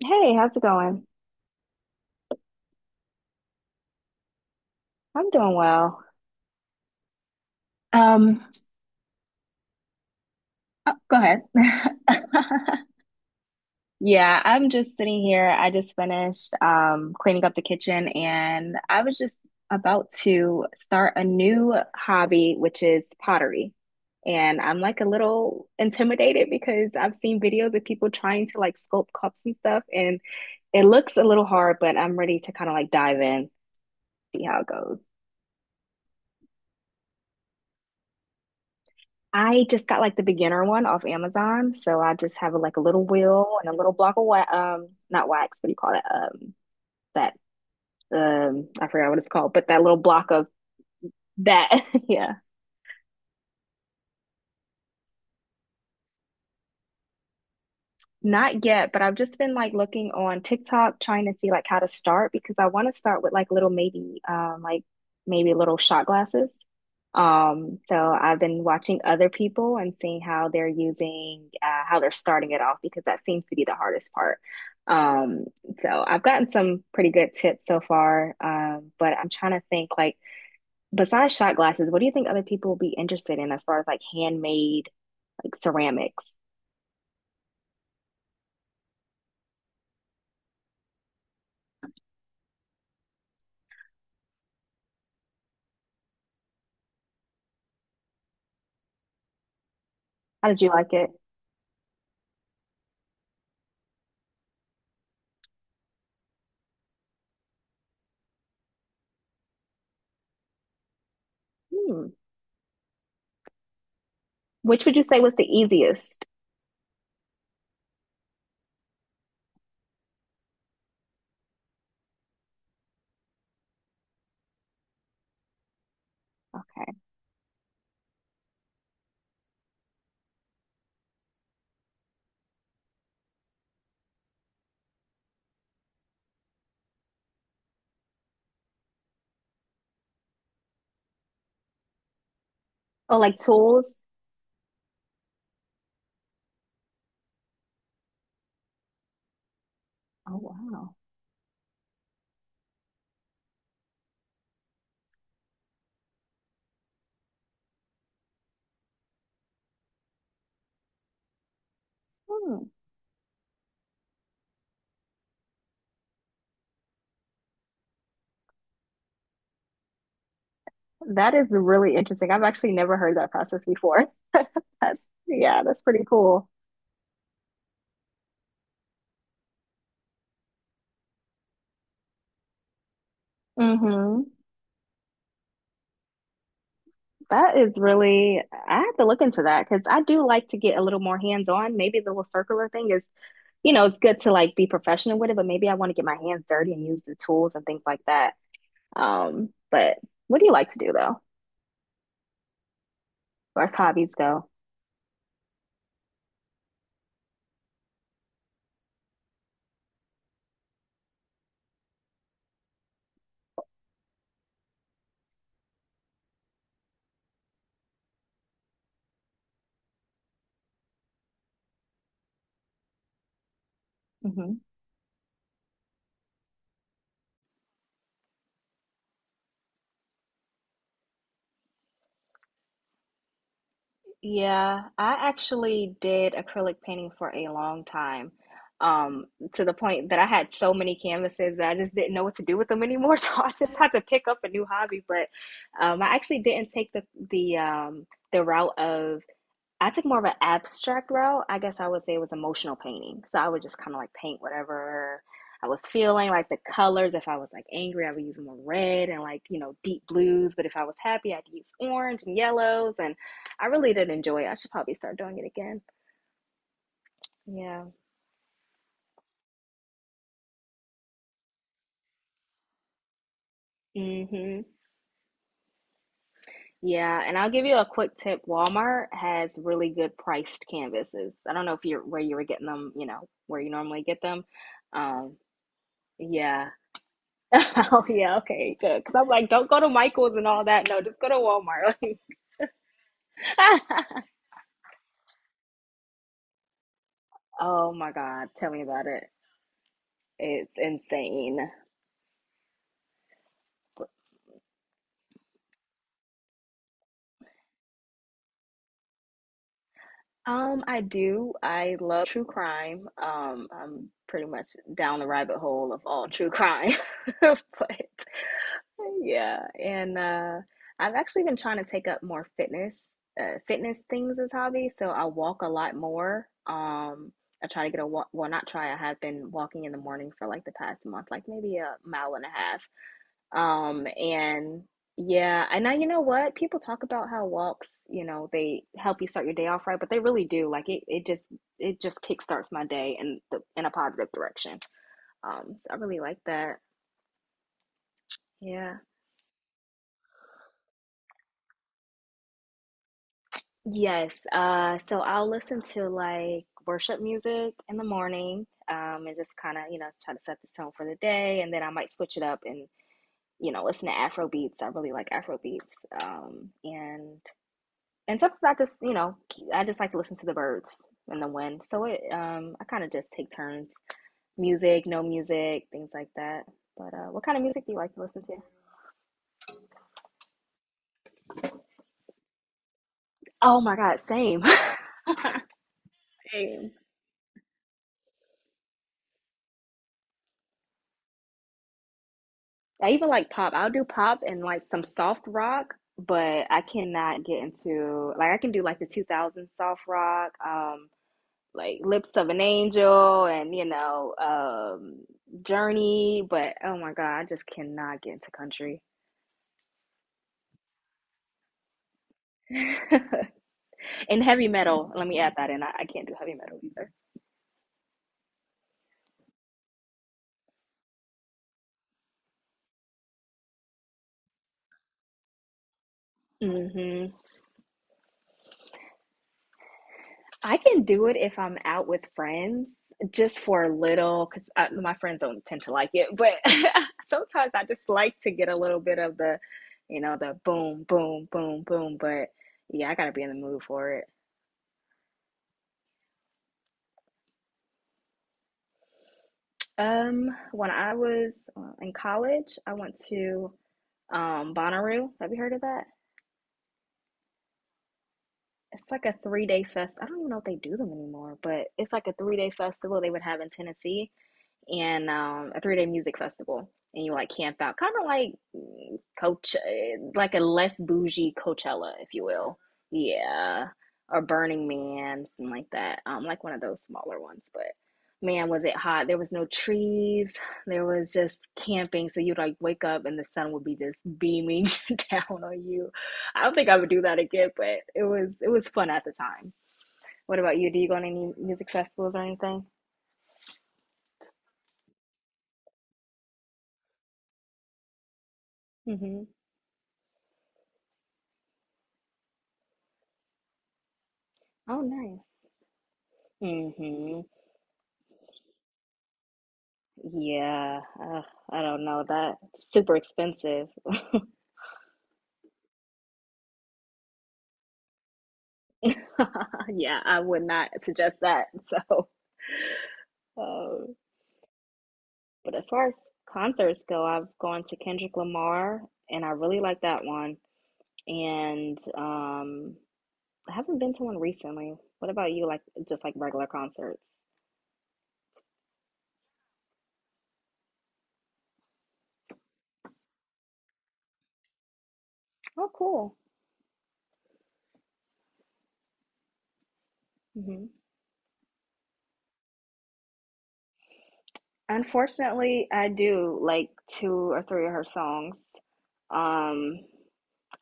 Hey, how's it going? I'm doing well. Um, oh, go ahead. Yeah, I'm just sitting here. I just finished cleaning up the kitchen and I was just about to start a new hobby, which is pottery. And I'm like a little intimidated because I've seen videos of people trying to like sculpt cups and stuff, and it looks a little hard, but I'm ready to kind of like dive in, see how it goes. I just got like the beginner one off Amazon, so I just have like a little wheel and a little block of wax, not wax, what do you call it? That I forgot what it's called, but that little block of that, yeah. Not yet, but I've just been like looking on TikTok trying to see like how to start because I want to start with like little maybe like maybe little shot glasses. So I've been watching other people and seeing how they're using, how they're starting it off because that seems to be the hardest part. Um, so I've gotten some pretty good tips so far. But I'm trying to think like besides shot glasses, what do you think other people will be interested in as far as like handmade like ceramics? How did you like it? Hmm. Which would you say was the easiest? Okay. Oh, like tools? Oh, wow. Hmm. That is really interesting. I've actually never heard that process before. That's, yeah, that's pretty cool. Hmm. That is really, I have to look into that because I do like to get a little more hands-on. Maybe the little circular thing is, you know, it's good to like be professional with it, but maybe I want to get my hands dirty and use the tools and things like that. But what do you like to do though, as far as hobbies go? Yeah, I actually did acrylic painting for a long time, um, to the point that I had so many canvases that I just didn't know what to do with them anymore. So I just had to pick up a new hobby. But I actually didn't take the the route of I took more of an abstract route. I guess I would say it was emotional painting. So I would just kind of like paint whatever I was feeling, like the colors. If I was like angry, I would use more red and like, you know, deep blues. But if I was happy, I'd use orange and yellows. And I really did enjoy it. I should probably start doing it again. Yeah. Mm-hmm. Yeah. And I'll give you a quick tip. Walmart has really good priced canvases. I don't know if you're where you were getting them, you know, where you normally get them. Um, yeah. Oh yeah, okay, good. Because I'm like, don't go to Michael's and all that. No, just go to Walmart. Like, oh my God, tell me about it. It's insane. I do. I love true crime. I'm pretty much down the rabbit hole of all true crime. But yeah, and I've actually been trying to take up more fitness, fitness things as hobby. So I walk a lot more. I try to get a walk. Well, not try. I have been walking in the morning for like the past month, like maybe a mile and a half. And yeah, and now you know what? People talk about how walks, you know, they help you start your day off right, but they really do. Like it just, it just kickstarts my day in the in a positive direction. So I really like that. Yeah. Yes, so I'll listen to like worship music in the morning, and just kind of, you know, try to set the tone for the day, and then I might switch it up and, you know, listen to Afro beats. I really like Afro beats. Um, and and sometimes I just, you know, I just like to listen to the birds and the wind. So it, I kind of just take turns, music, no music, things like that. But what kind of music do you like to listen to? Oh my God, same. Same. I even like pop. I'll do pop and like some soft rock, but I cannot get into like I can do like the 2000 soft rock, like Lips of an Angel and you know, Journey, but oh my God, I just cannot get into country. And heavy metal, let me add that in. I can't do heavy metal either. Hmm. I can do it if I'm out with friends, just for a little, because my friends don't tend to like it. But sometimes I just like to get a little bit of the, you know, the boom, boom, boom, boom. But yeah, I gotta be in the mood for it. When I was in college, I went to Bonnaroo. Have you heard of that? It's like a 3 day fest. I don't even know if they do them anymore, but it's like a 3 day festival they would have in Tennessee and a 3 day music festival, and you like camp out, kind of like mm, Coach, eh, like a less bougie Coachella, if you will, yeah, or Burning Man, something like that, like one of those smaller ones. But man, was it hot! There was no trees, there was just camping, so you'd like wake up and the sun would be just beaming down on you. I don't think I would do that again, but it was fun at the time. What about you? Do you go on any music festivals or anything? Hmm. Oh, nice. Hmm. Yeah, I don't know. That's super expensive. Yeah, I would not suggest that. So, uh, but as far as concerts go, I've gone to Kendrick Lamar, and I really like that one. And I haven't been to one recently. What about you? Like just like regular concerts? Oh, cool. Hmm. Unfortunately, I do like 2 or 3 of her songs. Um,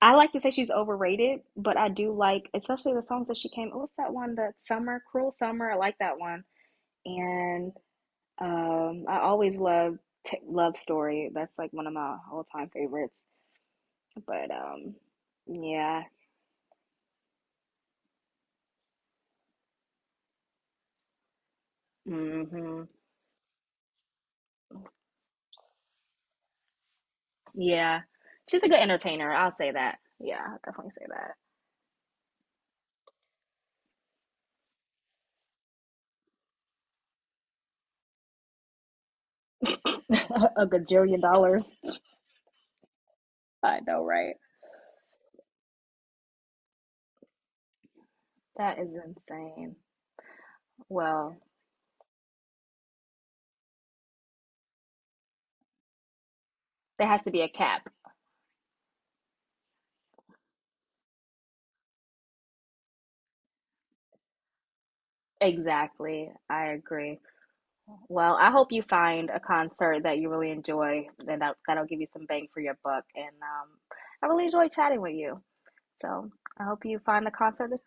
I like to say she's overrated, but I do like, especially the songs that she came. What's that one? The Summer, Cruel Summer. I like that one. And I always love Love Story. That's like one of my all time favorites. But yeah, hmm yeah, she's a good entertainer. I'll say that. Yeah, I'll definitely say that. a gajillion dollars. I know, right? That is insane. Well, there has to be a cap. Exactly. I agree. Well, I hope you find a concert that you really enjoy, and that that'll give you some bang for your buck. And I really enjoy chatting with you. So I hope you find the concert, a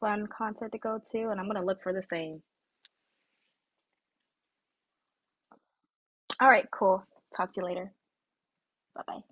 fun concert to go to, and I'm gonna look for the same. All right, cool. Talk to you later. Bye bye.